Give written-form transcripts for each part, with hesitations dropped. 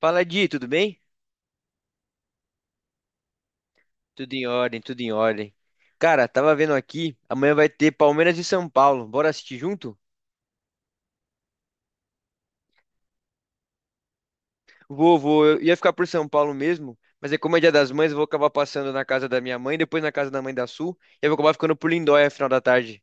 Fala, Di, tudo bem? Tudo em ordem, tudo em ordem. Cara, tava vendo aqui, amanhã vai ter Palmeiras e São Paulo. Bora assistir junto? Vou, vou. Eu ia ficar por São Paulo mesmo, mas é como é Dia das Mães, eu vou acabar passando na casa da minha mãe, depois na casa da mãe da Sul, e eu vou acabar ficando por Lindóia final da tarde.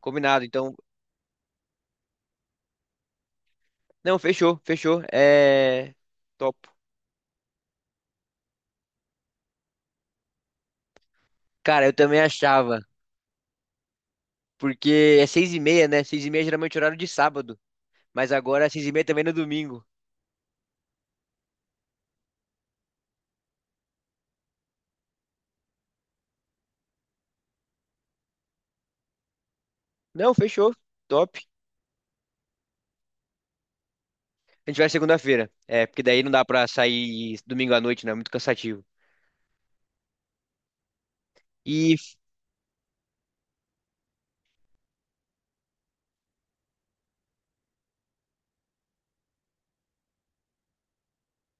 Combinado, então. Não, fechou, fechou. É. Topo. Cara, eu também achava, porque é 6h30, né? Seis e meia geralmente é horário de sábado, mas agora é 6h30 também no domingo. Não, fechou. Top. A gente vai segunda-feira. É, porque daí não dá pra sair domingo à noite, né? É muito cansativo. E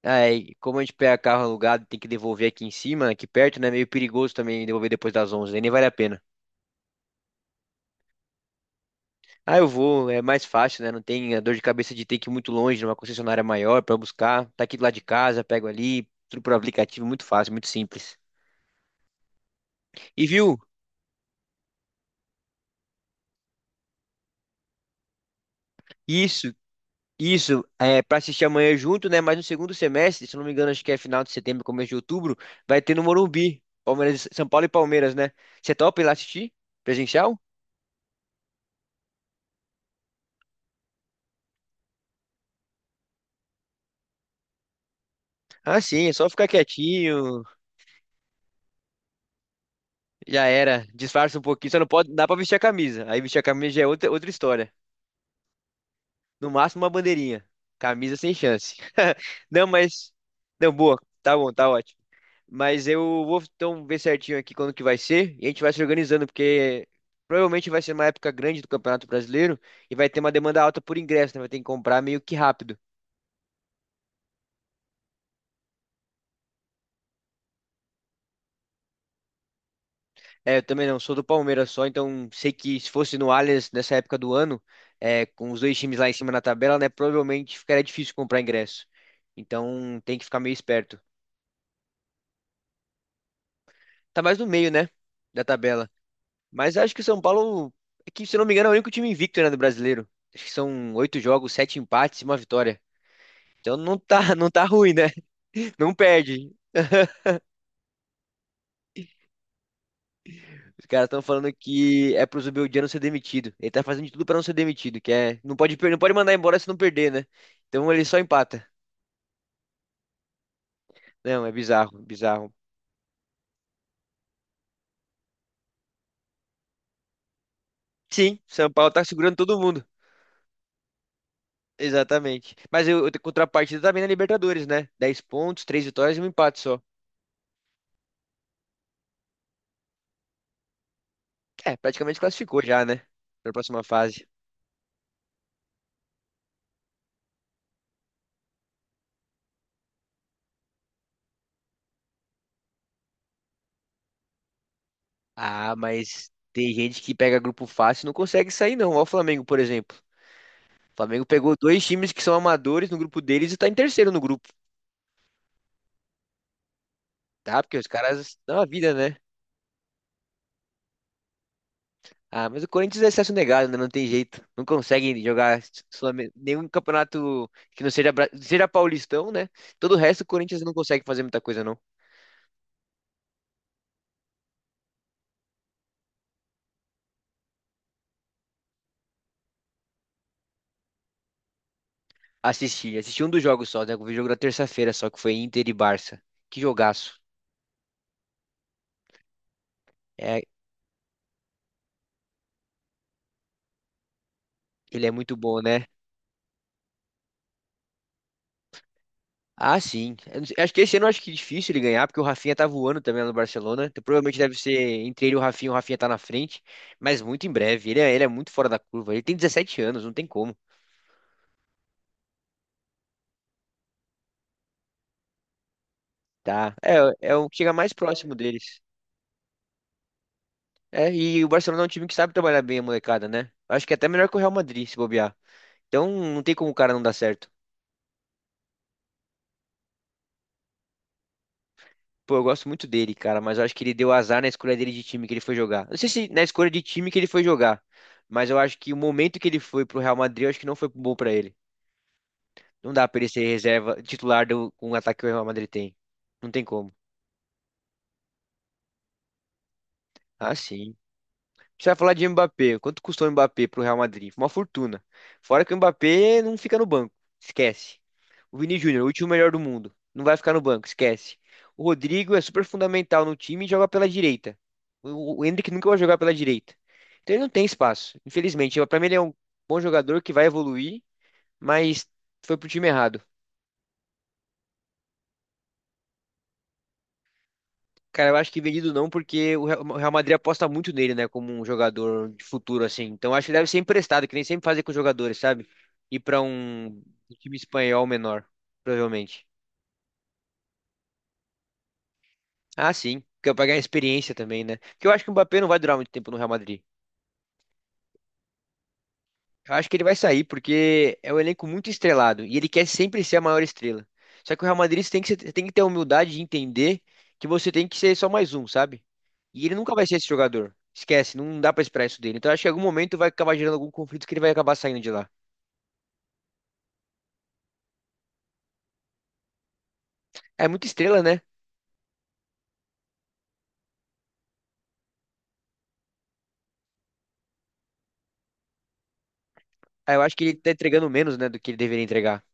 aí, como a gente pega carro alugado, e tem que devolver aqui em cima, aqui perto, né? É meio perigoso também devolver depois das 11, né? Nem vale a pena. Ah, eu vou, é mais fácil, né? Não tem a dor de cabeça de ter que ir muito longe, numa concessionária maior pra buscar. Tá aqui do lado de casa, pego ali, tudo por aplicativo, muito fácil, muito simples. E viu? Isso, Isso, é, para assistir amanhã junto, né? Mas no segundo semestre, se eu não me engano, acho que é final de setembro, começo de outubro, vai ter no Morumbi, Palmeiras, São Paulo e Palmeiras, né? Você topa ir lá assistir? Presencial? Ah, sim, é só ficar quietinho, já era, disfarça um pouquinho, só não pode, dá pra vestir a camisa. Aí vestir a camisa já é outra, outra história. No máximo uma bandeirinha, camisa sem chance. Não, mas, não, boa, tá bom, tá ótimo. Mas eu vou então ver certinho aqui quando que vai ser e a gente vai se organizando, porque provavelmente vai ser uma época grande do Campeonato Brasileiro e vai ter uma demanda alta por ingresso, né? Vai ter que comprar meio que rápido. É, eu também não sou do Palmeiras só, então sei que se fosse no Allianz nessa época do ano, é, com os dois times lá em cima na tabela, né? Provavelmente ficaria difícil comprar ingresso. Então tem que ficar meio esperto. Tá mais no meio, né? Da tabela. Mas acho que o São Paulo, é que, se eu não me engano, é o único time invicto, né, do brasileiro. Acho que são oito jogos, sete empates e uma vitória. Então não tá, não tá ruim, né? Não perde. Os caras estão falando que é pro Zubeldia não ser demitido. Ele tá fazendo de tudo pra não ser demitido, que é, não pode não pode mandar embora se não perder, né? Então ele só empata. Não, é bizarro, bizarro. Sim, São Paulo tá segurando todo mundo. Exatamente. Mas eu tenho contrapartida também na Libertadores, né? 10 pontos, 3 vitórias e um empate só. É, praticamente classificou já, né? Pra próxima fase. Ah, mas tem gente que pega grupo fácil e não consegue sair, não. Olha o Flamengo, por exemplo. O Flamengo pegou dois times que são amadores no grupo deles e tá em terceiro no grupo, tá? Porque os caras dão a vida, né? Ah, mas o Corinthians é acesso negado, né? Não tem jeito. Não conseguem jogar nenhum campeonato que não seja, seja paulistão, né? Todo o resto, o Corinthians não consegue fazer muita coisa, não. Assisti, assisti um dos jogos só, né? O jogo da terça-feira só, que foi Inter e Barça. Que jogaço. É, ele é muito bom, né? Ah, sim. Eu não sei. Acho que esse ano eu acho que é difícil ele ganhar, porque o Rafinha tá voando também lá no Barcelona. Então, provavelmente deve ser entre ele e o Rafinha tá na frente, mas muito em breve. Ele é muito fora da curva. Ele tem 17 anos, não tem como. Tá. É, é o que chega mais próximo deles. É, e o Barcelona é um time que sabe trabalhar bem a molecada, né? Acho que é até melhor que o Real Madrid, se bobear. Então não tem como o cara não dar certo. Pô, eu gosto muito dele, cara, mas eu acho que ele deu azar na escolha dele de time que ele foi jogar. Não sei se na escolha de time que ele foi jogar, mas eu acho que o momento que ele foi pro Real Madrid, eu acho que não foi bom pra ele. Não dá pra ele ser reserva titular do, com o ataque que o Real Madrid tem. Não tem como. Ah, sim. Precisa falar de Mbappé. Quanto custou o Mbappé pro Real Madrid? Foi uma fortuna. Fora que o Mbappé não fica no banco. Esquece. O Vini Júnior, o último melhor do mundo. Não vai ficar no banco. Esquece. O Rodrigo é super fundamental no time e joga pela direita. O Endrick nunca vai jogar pela direita. Então ele não tem espaço. Infelizmente, pra mim ele é um bom jogador que vai evoluir, mas foi pro time errado. Cara, eu acho que vendido não, porque o Real Madrid aposta muito nele, né, como um jogador de futuro, assim. Então acho que deve ser emprestado, que nem sempre fazem com os jogadores, sabe? Ir pra um time espanhol menor, provavelmente. Ah, sim, porque eu pagar a experiência também, né? Porque eu acho que o Mbappé não vai durar muito tempo no Real Madrid. Eu acho que ele vai sair porque é um elenco muito estrelado e ele quer sempre ser a maior estrela. Só que o Real Madrid você tem que, tem que ter a humildade de entender que você tem que ser só mais um, sabe? E ele nunca vai ser esse jogador. Esquece, não dá pra esperar isso dele. Então eu acho que em algum momento vai acabar gerando algum conflito que ele vai acabar saindo de lá. É muita estrela, né? Ah, eu acho que ele tá entregando menos, né, do que ele deveria entregar.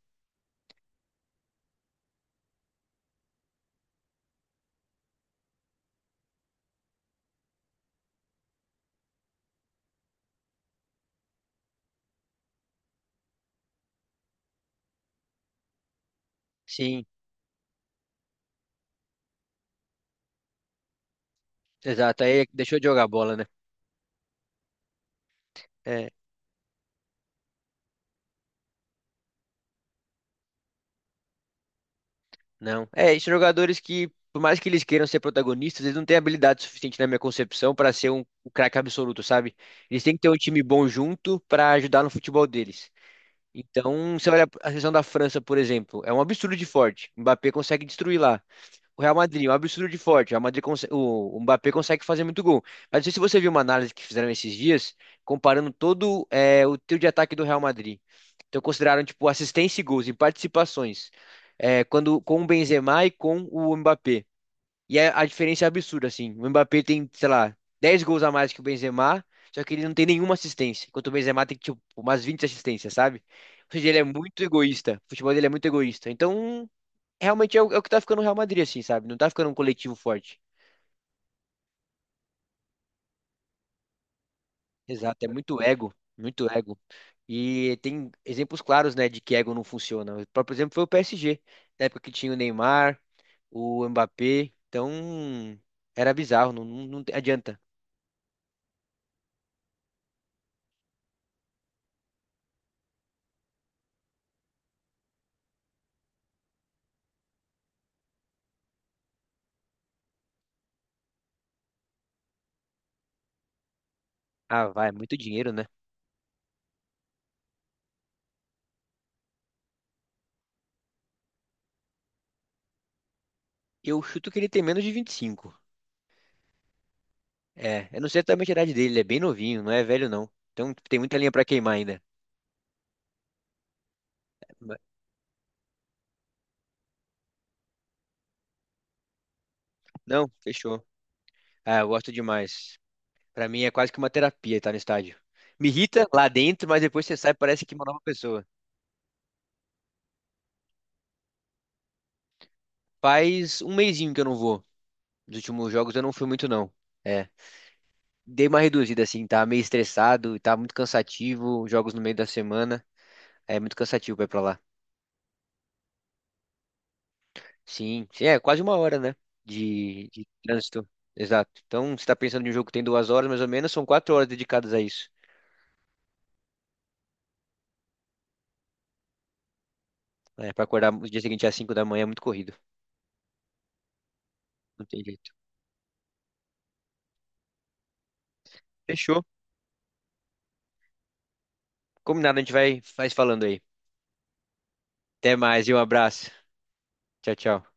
Sim. Exato, aí deixou de jogar bola, né? É, não. É, esses jogadores que, por mais que eles queiram ser protagonistas, eles não têm habilidade suficiente, na minha concepção, para ser um, um craque absoluto, sabe? Eles têm que ter um time bom junto para ajudar no futebol deles. Então, você olha a seleção da França, por exemplo, é um absurdo de forte. Mbappé consegue destruir lá. O Real Madrid, um absurdo de forte. O Real Madrid o Mbappé consegue fazer muito gol. Mas não sei se você viu uma análise que fizeram esses dias, comparando todo o trio de ataque do Real Madrid. Então consideraram tipo assistência e gols em participações, é, quando com o Benzema e com o Mbappé. E a diferença é absurda assim. O Mbappé tem, sei lá, 10 gols a mais que o Benzema, só que ele não tem nenhuma assistência, enquanto o Benzema tem tipo umas 20 assistências, sabe? Ou seja, ele é muito egoísta. O futebol dele é muito egoísta. Então, realmente é o que tá ficando o Real Madrid, assim, sabe? Não tá ficando um coletivo forte. Exato, é muito ego, muito ego. E tem exemplos claros, né, de que ego não funciona. O próprio exemplo foi o PSG, na época que tinha o Neymar, o Mbappé. Então, era bizarro, não, não, não adianta. Ah, vai, é muito dinheiro, né? Eu chuto que ele tem menos de 25. É, eu não sei exatamente a idade dele, ele é bem novinho, não é velho não. Então tem muita linha pra queimar ainda. Não, fechou. Ah, eu gosto demais. Pra mim é quase que uma terapia estar no estádio. Me irrita lá dentro, mas depois você sai, parece que é uma nova pessoa. Faz um mesinho que eu não vou. Nos últimos jogos eu não fui muito, não. É. Dei uma reduzida, assim, tá meio estressado, tá muito cansativo. Jogos no meio da semana. É muito cansativo pra ir pra lá. Sim, sim, é quase 1 hora, né? De trânsito. Exato. Então, você tá pensando em um jogo que tem 2 horas, mais ou menos, são 4 horas dedicadas a isso. É, pra acordar no dia seguinte às 5h da manhã é muito corrido. Não tem jeito. Fechou. Combinado, a gente vai, vai se falando aí. Até mais e um abraço. Tchau, tchau.